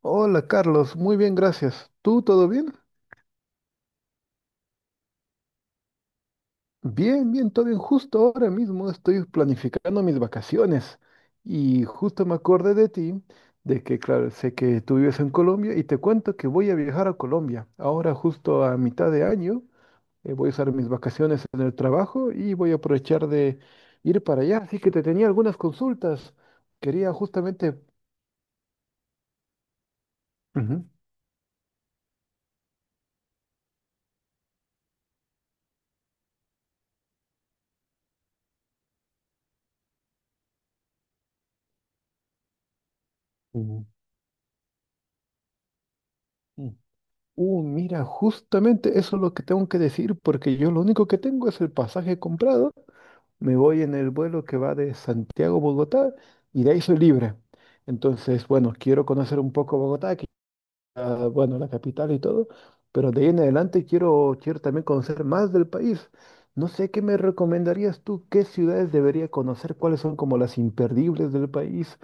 Hola Carlos, muy bien, gracias. ¿Tú todo bien? Bien, todo bien. Justo ahora mismo estoy planificando mis vacaciones y justo me acordé de ti, de que, claro, sé que tú vives en Colombia y te cuento que voy a viajar a Colombia. Ahora justo a mitad de año voy a usar mis vacaciones en el trabajo y voy a aprovechar de ir para allá. Así que te tenía algunas consultas. Quería justamente... Ujú. Ujú. Mira, justamente eso es lo que tengo que decir, porque yo lo único que tengo es el pasaje comprado. Me voy en el vuelo que va de Santiago a Bogotá y de ahí soy libre. Entonces, bueno, quiero conocer un poco Bogotá, que, ah, bueno, la capital y todo, pero de ahí en adelante quiero también conocer más del país. No sé qué me recomendarías tú, qué ciudades debería conocer, cuáles son como las imperdibles del país,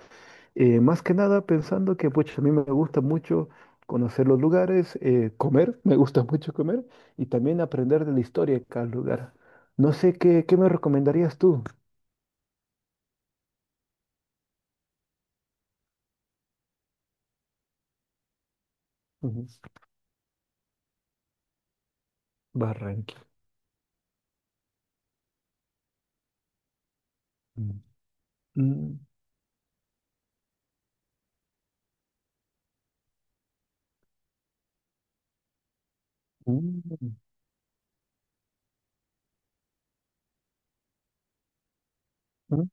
más que nada pensando que pues, a mí me gusta mucho conocer los lugares, comer, me gusta mucho comer y también aprender de la historia de cada lugar. No sé qué me recomendarías tú. Ujú. Barranquilla. Mm, mm, mm, ujú.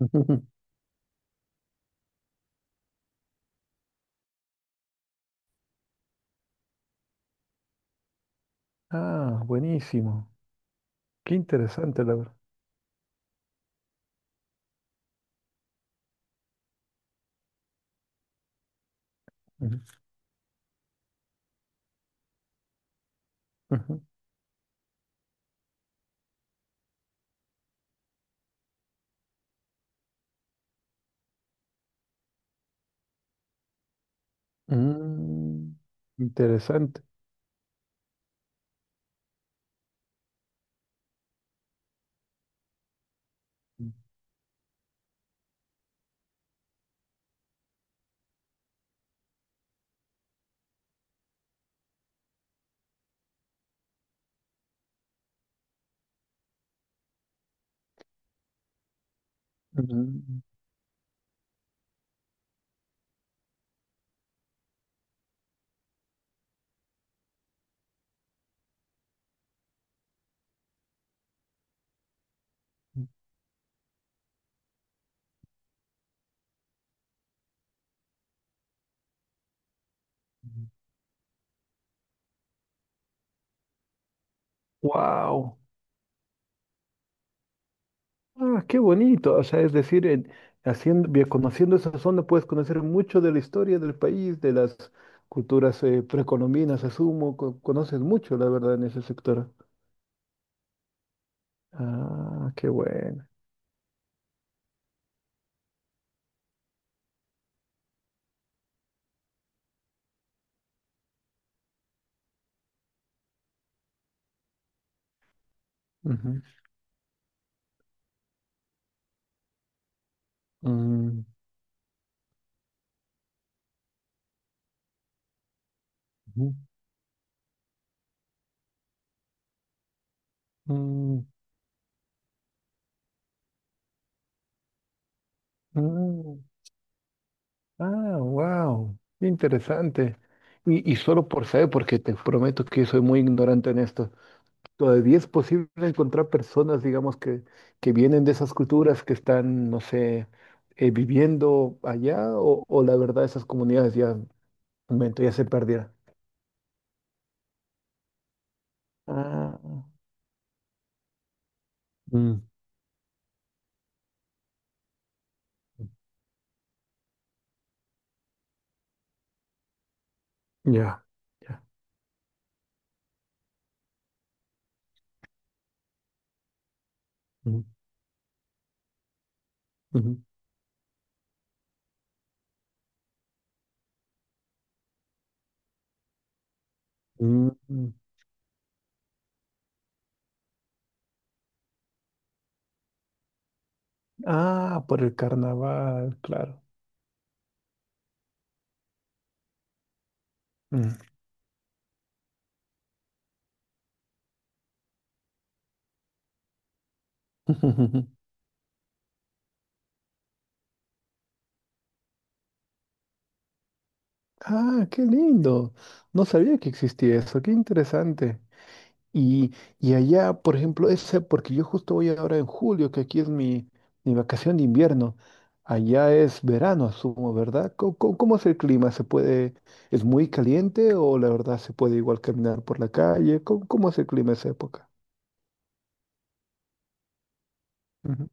Ah, buenísimo. Qué interesante, la verdad. Ujú, ujú. Mm, interesante. Wow. Ah, qué bonito. O sea, es decir, haciendo, bien, conociendo esa zona puedes conocer mucho de la historia del país, de las culturas precolombinas, asumo. Conoces mucho, la verdad, en ese sector. Ah, qué bueno. Ujú. Mm, ujú, mm, mm. Ah, wow. Interesante. Y solo por saber, porque te prometo que soy muy ignorante en esto. Todavía es posible encontrar personas, digamos, que vienen de esas culturas, que están, no sé, viviendo allá, o la verdad esas comunidades ya, momento, ya se perdieron. Ah, mm, ya, ya. Mm, ujú, mm, mm. Ah, por el carnaval, claro. Mm. Ah, qué lindo. No sabía que existía eso, qué interesante. Y, y allá, por ejemplo, ese, porque yo justo voy ahora en julio, que aquí es mi vacación de invierno. Allá es verano, asumo, ¿verdad? ¿Cómo, cómo es el clima? ¿Se puede, es muy caliente o la verdad se puede igual caminar por la calle? ¿Cómo, cómo es el clima esa época? Ujú,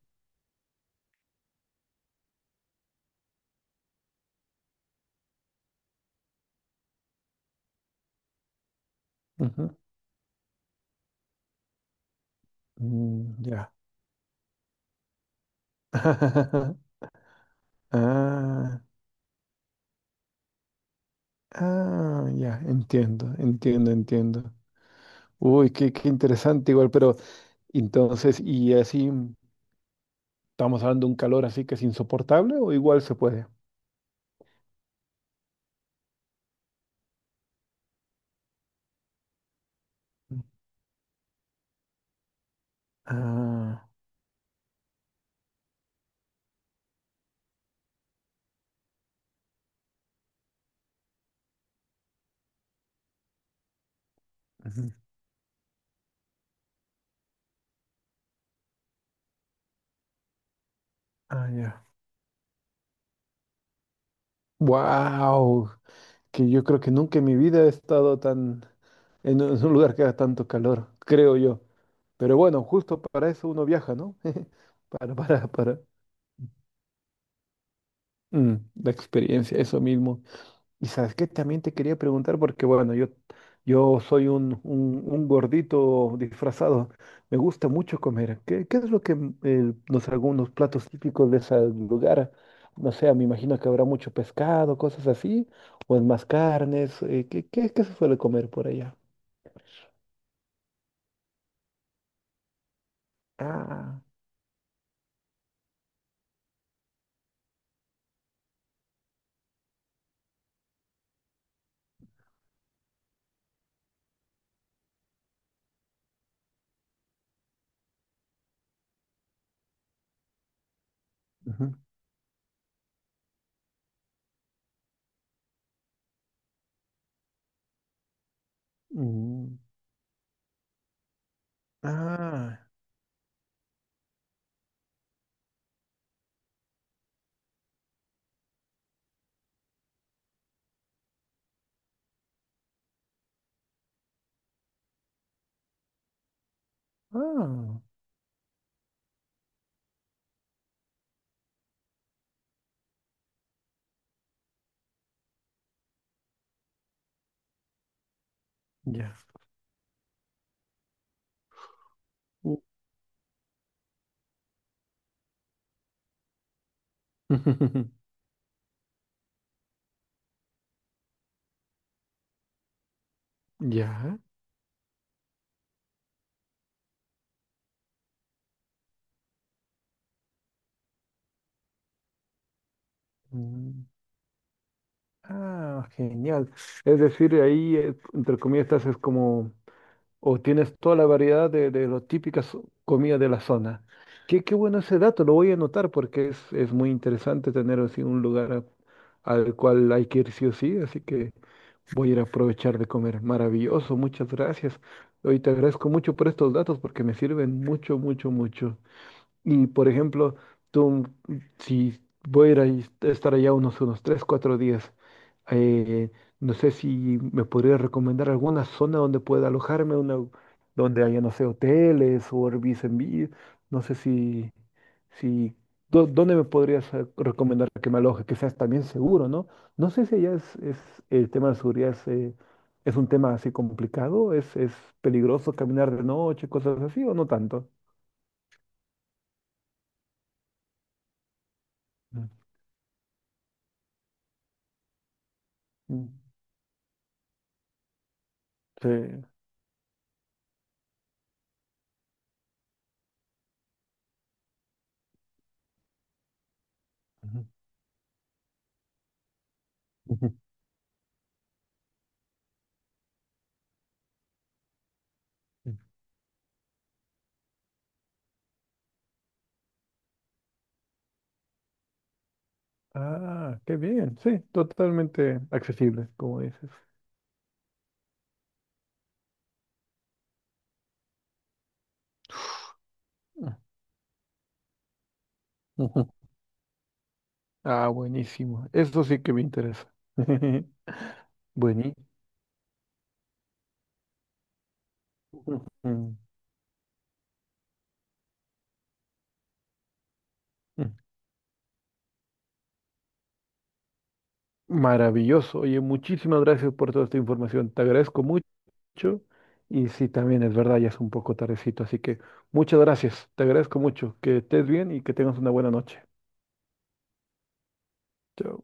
ujú. Mm, ya. Ah, ah, ya, entiendo, entiendo. Uy, qué, qué interesante igual, pero entonces, y así. ¿Estamos hablando de un calor así que es insoportable o igual se puede? Ah, ujú, ah, ya. Wow, que yo creo que nunca en mi vida he estado tan en un lugar que haga tanto calor, creo yo. Pero bueno, justo para eso uno viaja, ¿no? Para mm, la experiencia, eso mismo. Y sabes qué, también te quería preguntar, porque bueno, yo soy un gordito disfrazado, me gusta mucho comer. ¿Qué, qué es lo que los, algunos platos típicos de ese lugar? No sé, me imagino que habrá mucho pescado, cosas así, o es más carnes. ¿Qué, qué, qué se suele comer por allá? Ah, ujú, mm, ah, ah, ya. Mm, ya. Mm. Ah, genial. Es decir, ahí, entre comillas, estás es como, o tienes toda la variedad de las típicas comidas de la zona. Qué, qué bueno ese dato, lo voy a anotar porque es muy interesante tener así un lugar al cual hay que ir sí o sí, así que voy a ir a aprovechar de comer. Maravilloso, muchas gracias. Hoy te agradezco mucho por estos datos porque me sirven mucho, mucho, mucho. Y por ejemplo, tú, si voy a ir estar allá unos 3 o 4 días, eh, no sé si me podría recomendar alguna zona donde pueda alojarme, una, donde haya, no sé, hoteles o Airbnb, no sé si, si, ¿dónde me podrías recomendar que me aloje? Que seas también seguro, ¿no? No sé si allá es el tema de seguridad es un tema así complicado, es peligroso caminar de noche, cosas así, o no tanto. Mm. Sí. Ujú, ujú. Ah, qué bien. Sí, totalmente accesible, como dices. Ah, ujú. Ah, buenísimo. Eso sí que me interesa. Buenísimo. Ujú. Maravilloso. Oye, muchísimas gracias por toda esta información. Te agradezco mucho. Y sí, también es verdad, ya es un poco tardecito. Así que muchas gracias. Te agradezco mucho. Que estés bien y que tengas una buena noche. Chao.